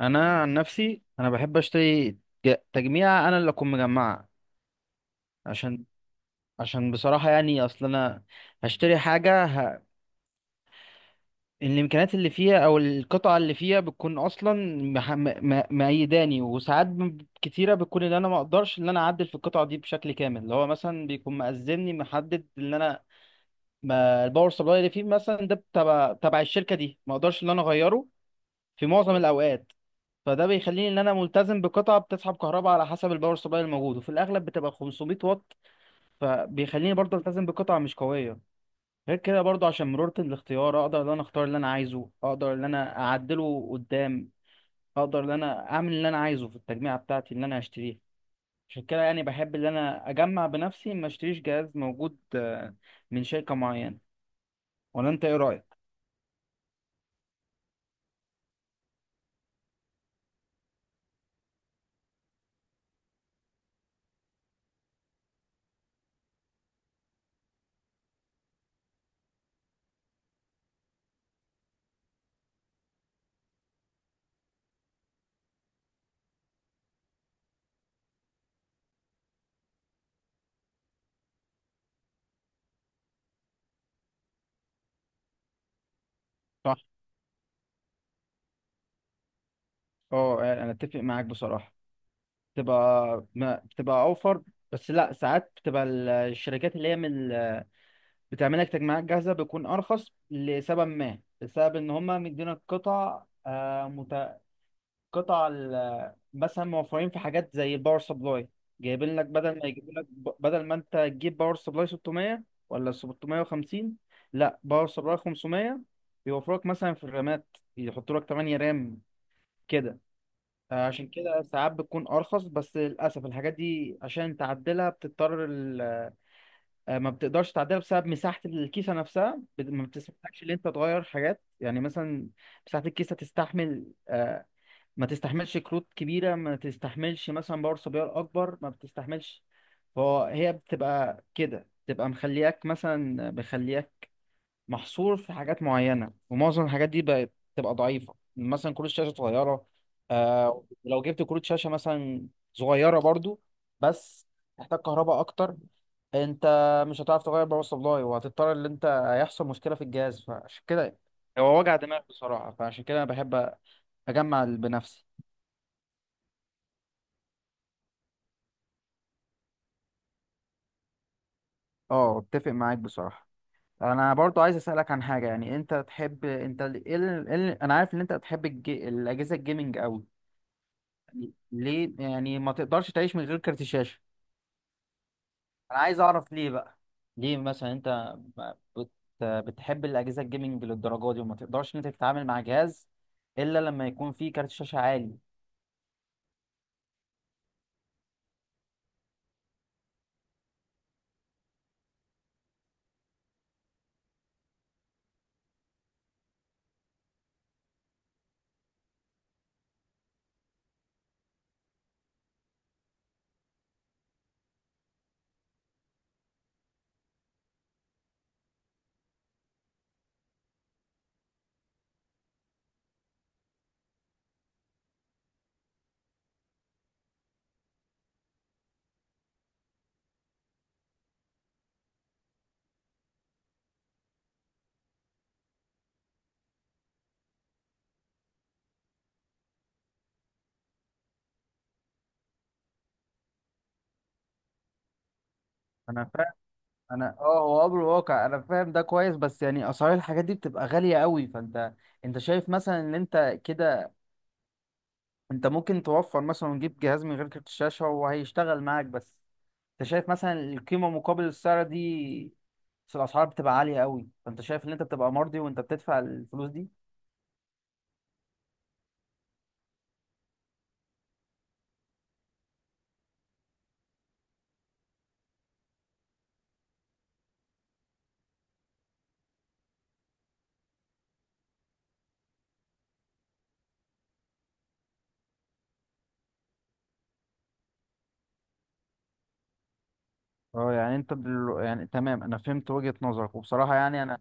انا عن نفسي انا بحب اشتري تجميع انا اللي اكون مجمعها. عشان عشان بصراحه، يعني اصل انا هشتري حاجه، الامكانيات اللي فيها او القطعه اللي فيها بتكون اصلا مح... م... مأيداني، وساعات كتيره بتكون ان انا ما اقدرش ان انا اعدل في القطعه دي بشكل كامل، اللي هو مثلا بيكون مأذني محدد ان انا، ما الباور سبلاي اللي فيه مثلا ده تبع الشركه دي ما اقدرش ان انا اغيره في معظم الاوقات. فده بيخليني ان انا ملتزم بقطعه بتسحب كهرباء على حسب الباور سبلاي الموجود، وفي الاغلب بتبقى 500 واط، فبيخليني برضه التزم بقطعه مش قويه. غير كده برضه، عشان مرونه الاختيار، اقدر ان انا اختار اللي انا عايزه، اقدر ان انا اعدله قدام، اقدر ان انا اعمل اللي انا عايزه في التجميعه بتاعتي اللي انا هشتريها. عشان كده يعني بحب ان انا اجمع بنفسي، ما اشتريش جهاز موجود من شركه معينه. ولا انت ايه رايك؟ صح. اه، انا اتفق معاك بصراحه. بتبقى، ما بتبقى اوفر، بس لا، ساعات بتبقى الشركات اللي هي من ال- بتعمل لك تجميعات جاهزه، بيكون ارخص لسبب ما، بسبب ان هم مدينا القطع، قطع مثلا موفرين في حاجات زي الباور سبلاي، جايبين لك، بدل ما يجيبوا لك، بدل ما انت تجيب باور سبلاي 600 ولا 650، لا باور سبلاي 500، بيوفروا لك مثلا في الرامات يحطوا لك 8 رام كده. عشان كده ساعات بتكون ارخص، بس للاسف الحاجات دي عشان تعدلها بتضطر ما بتقدرش تعدلها بسبب مساحه الكيسه نفسها، ما بتسمحلكش ان انت تغير حاجات، يعني مثلا مساحه الكيسه تستحمل، ما تستحملش كروت كبيره، ما تستحملش مثلا باور سبلاي اكبر، ما بتستحملش. فهي بتبقى كده، بتبقى مخلياك، مثلا مخلياك محصور في حاجات معينة، ومعظم الحاجات دي بقت بتبقى ضعيفة، يعني مثلا كروت شاشة صغيرة. لو جبت كروت شاشة مثلا صغيرة برضو، بس تحتاج كهرباء أكتر، أنت مش هتعرف تغير باور سبلاي، وهتضطر إن أنت هيحصل مشكلة في الجهاز، فعشان كده هو وجع دماغ بصراحة، فعشان كده أنا بحب أجمع بنفسي. أه، أتفق معاك بصراحة. أنا برضو عايز أسألك عن حاجة، يعني أنت تحب، أنت ال... ال... ال... أنا عارف إن أنت بتحب الأجهزة الجيمنج أوي، ليه؟ يعني ما تقدرش تعيش من غير كارت الشاشة، انا عايز اعرف ليه بقى. ليه مثلا انت بت... بتحب الاجهزه الجيمنج للدرجه دي، وما تقدرش ان انت تتعامل مع جهاز الا لما يكون فيه كارت شاشه عالي؟ انا فاهم. انا، هو امر واقع، انا فاهم ده كويس، بس يعني اسعار الحاجات دي بتبقى غالية قوي، فانت شايف مثلا ان انت كده، انت ممكن توفر مثلا وتجيب جهاز من غير كارت الشاشة وهيشتغل معاك بس، انت شايف مثلا القيمة مقابل السعر دي؟ بس الاسعار بتبقى عاليه قوي، فانت شايف ان انت بتبقى مرضي وانت بتدفع الفلوس دي؟ اه يعني، انت يعني تمام، انا فهمت وجهة نظرك وبصراحة يعني انا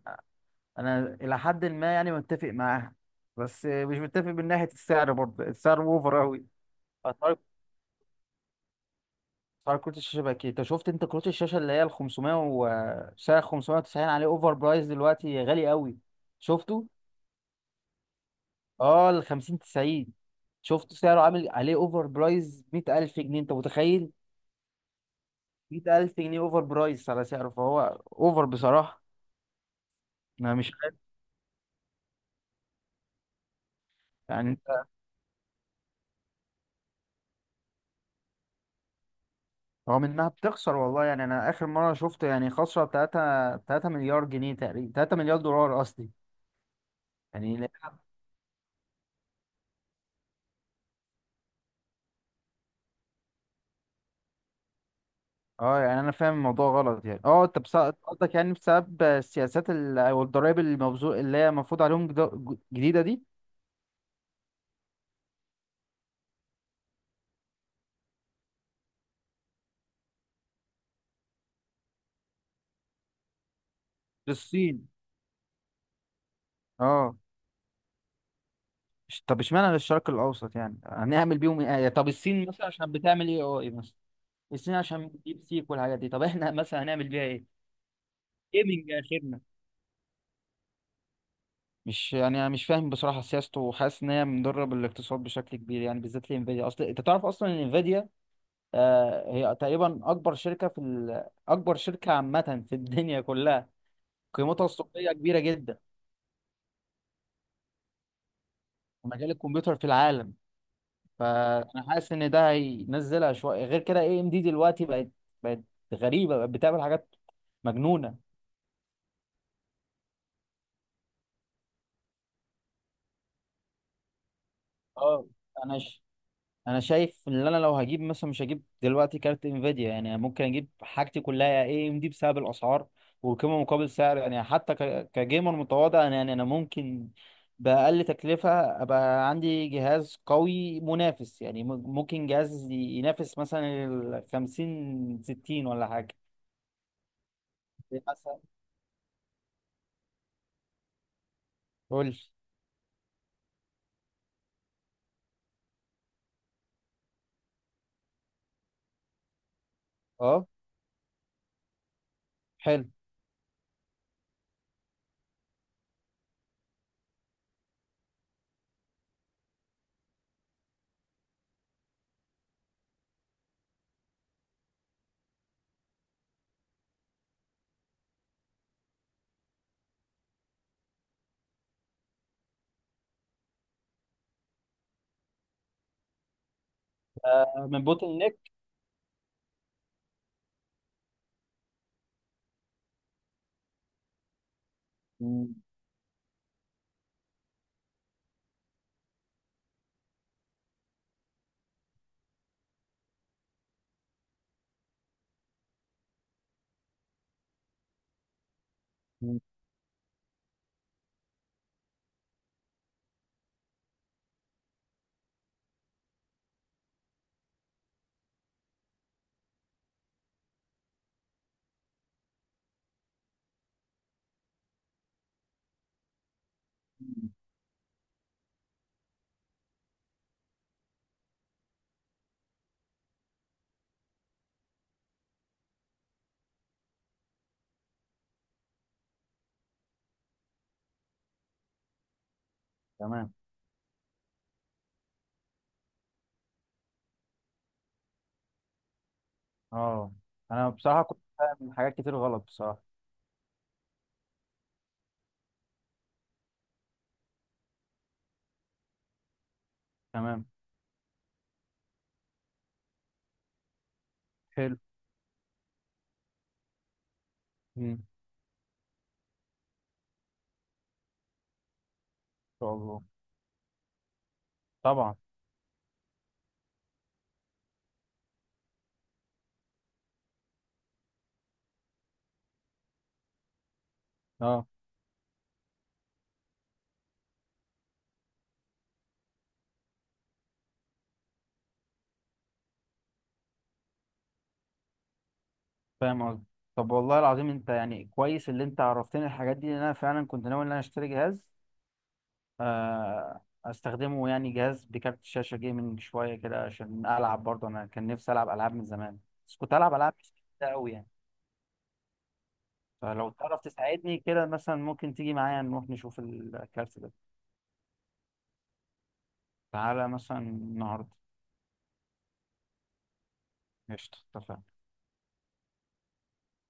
انا الى حد ما يعني متفق معاها، بس مش متفق من ناحية السعر. برضه السعر اوفر اوي. اسعار اسعار كروت الشاشه بقى كده. انت شفت كروت الشاشه اللي هي ال 500 و سعر 590 عليه اوفر برايس دلوقتي غالي قوي؟ شفته. اه، ال 50 90، شفت سعره عامل عليه اوفر برايس 100,000 جنيه، انت متخيل؟ 100,000 جنيه اوفر برايس على سعره، فهو اوفر بصراحة. انا مش عارف. يعني انت، رغم انها بتخسر والله، يعني انا اخر مرة شفت يعني خسرة 3 مليار جنيه تقريبا، 3 مليار دولار قصدي. يعني اه، يعني انا فاهم الموضوع غلط، يعني اه انت قصدك يعني بسبب السياسات او الضرائب المبذول اللي هي المفروض عليهم جديدة دي. للصين. اه. طب اشمعنى للشرق الاوسط؟ يعني هنعمل بيهم ايه؟ يعني طب الصين مثلا عشان بتعمل ايه اي مثلا؟ الصين عشان ديب سيك والحاجات دي، طب احنا مثلا هنعمل بيها ايه؟ جيمنج اخرنا. مش، يعني انا مش فاهم بصراحه سياسته، وحاسس ان هي مضره بالاقتصاد بشكل كبير، يعني بالذات لانفيديا. اصل انت تعرف اصلا ان انفيديا، هي تقريبا اكبر شركه في اكبر شركه عامه في الدنيا كلها. قيمتها السوقيه كبيره جدا. في مجال الكمبيوتر في العالم. فانا حاسس ان ده هينزلها شويه. غير كده اي ام دي دلوقتي بقت غريبه، بقت بتعمل حاجات مجنونه. اه، انا انا شايف ان انا لو هجيب مثلا، مش هجيب دلوقتي كارت انفيديا، يعني ممكن اجيب حاجتي كلها اي ام دي بسبب الاسعار والقيمه مقابل سعر، يعني حتى كجيمر متواضع، يعني انا ممكن باقل تكلفه ابقى عندي جهاز قوي منافس، يعني ممكن جهاز ينافس مثلا ال 50 60 ولا حاجه. إيه مثلا؟ قول لي. اه، حلو. من بوتل نيك. م- م- تمام، اه. انا بصراحه كنت فاهم حاجات كتير غلط بصراحه. تمام. حلو. شاء الله. طبعا. اه، فاهم قصدي. طب والله العظيم، انت يعني كويس اللي انت عرفتني الحاجات دي، لان انا فعلا كنت ناوي ان انا اشتري جهاز، استخدمه، يعني جهاز بكارت شاشه جيمنج شويه كده عشان العب برضه، انا كان نفسي العب العاب من زمان، بس كنت العب العاب مش كتير قوي يعني. فلو تعرف تساعدني كده مثلا، ممكن تيجي معايا نروح نشوف الكارت ده؟ تعالى مثلا النهارده. قشطة، اتفقنا.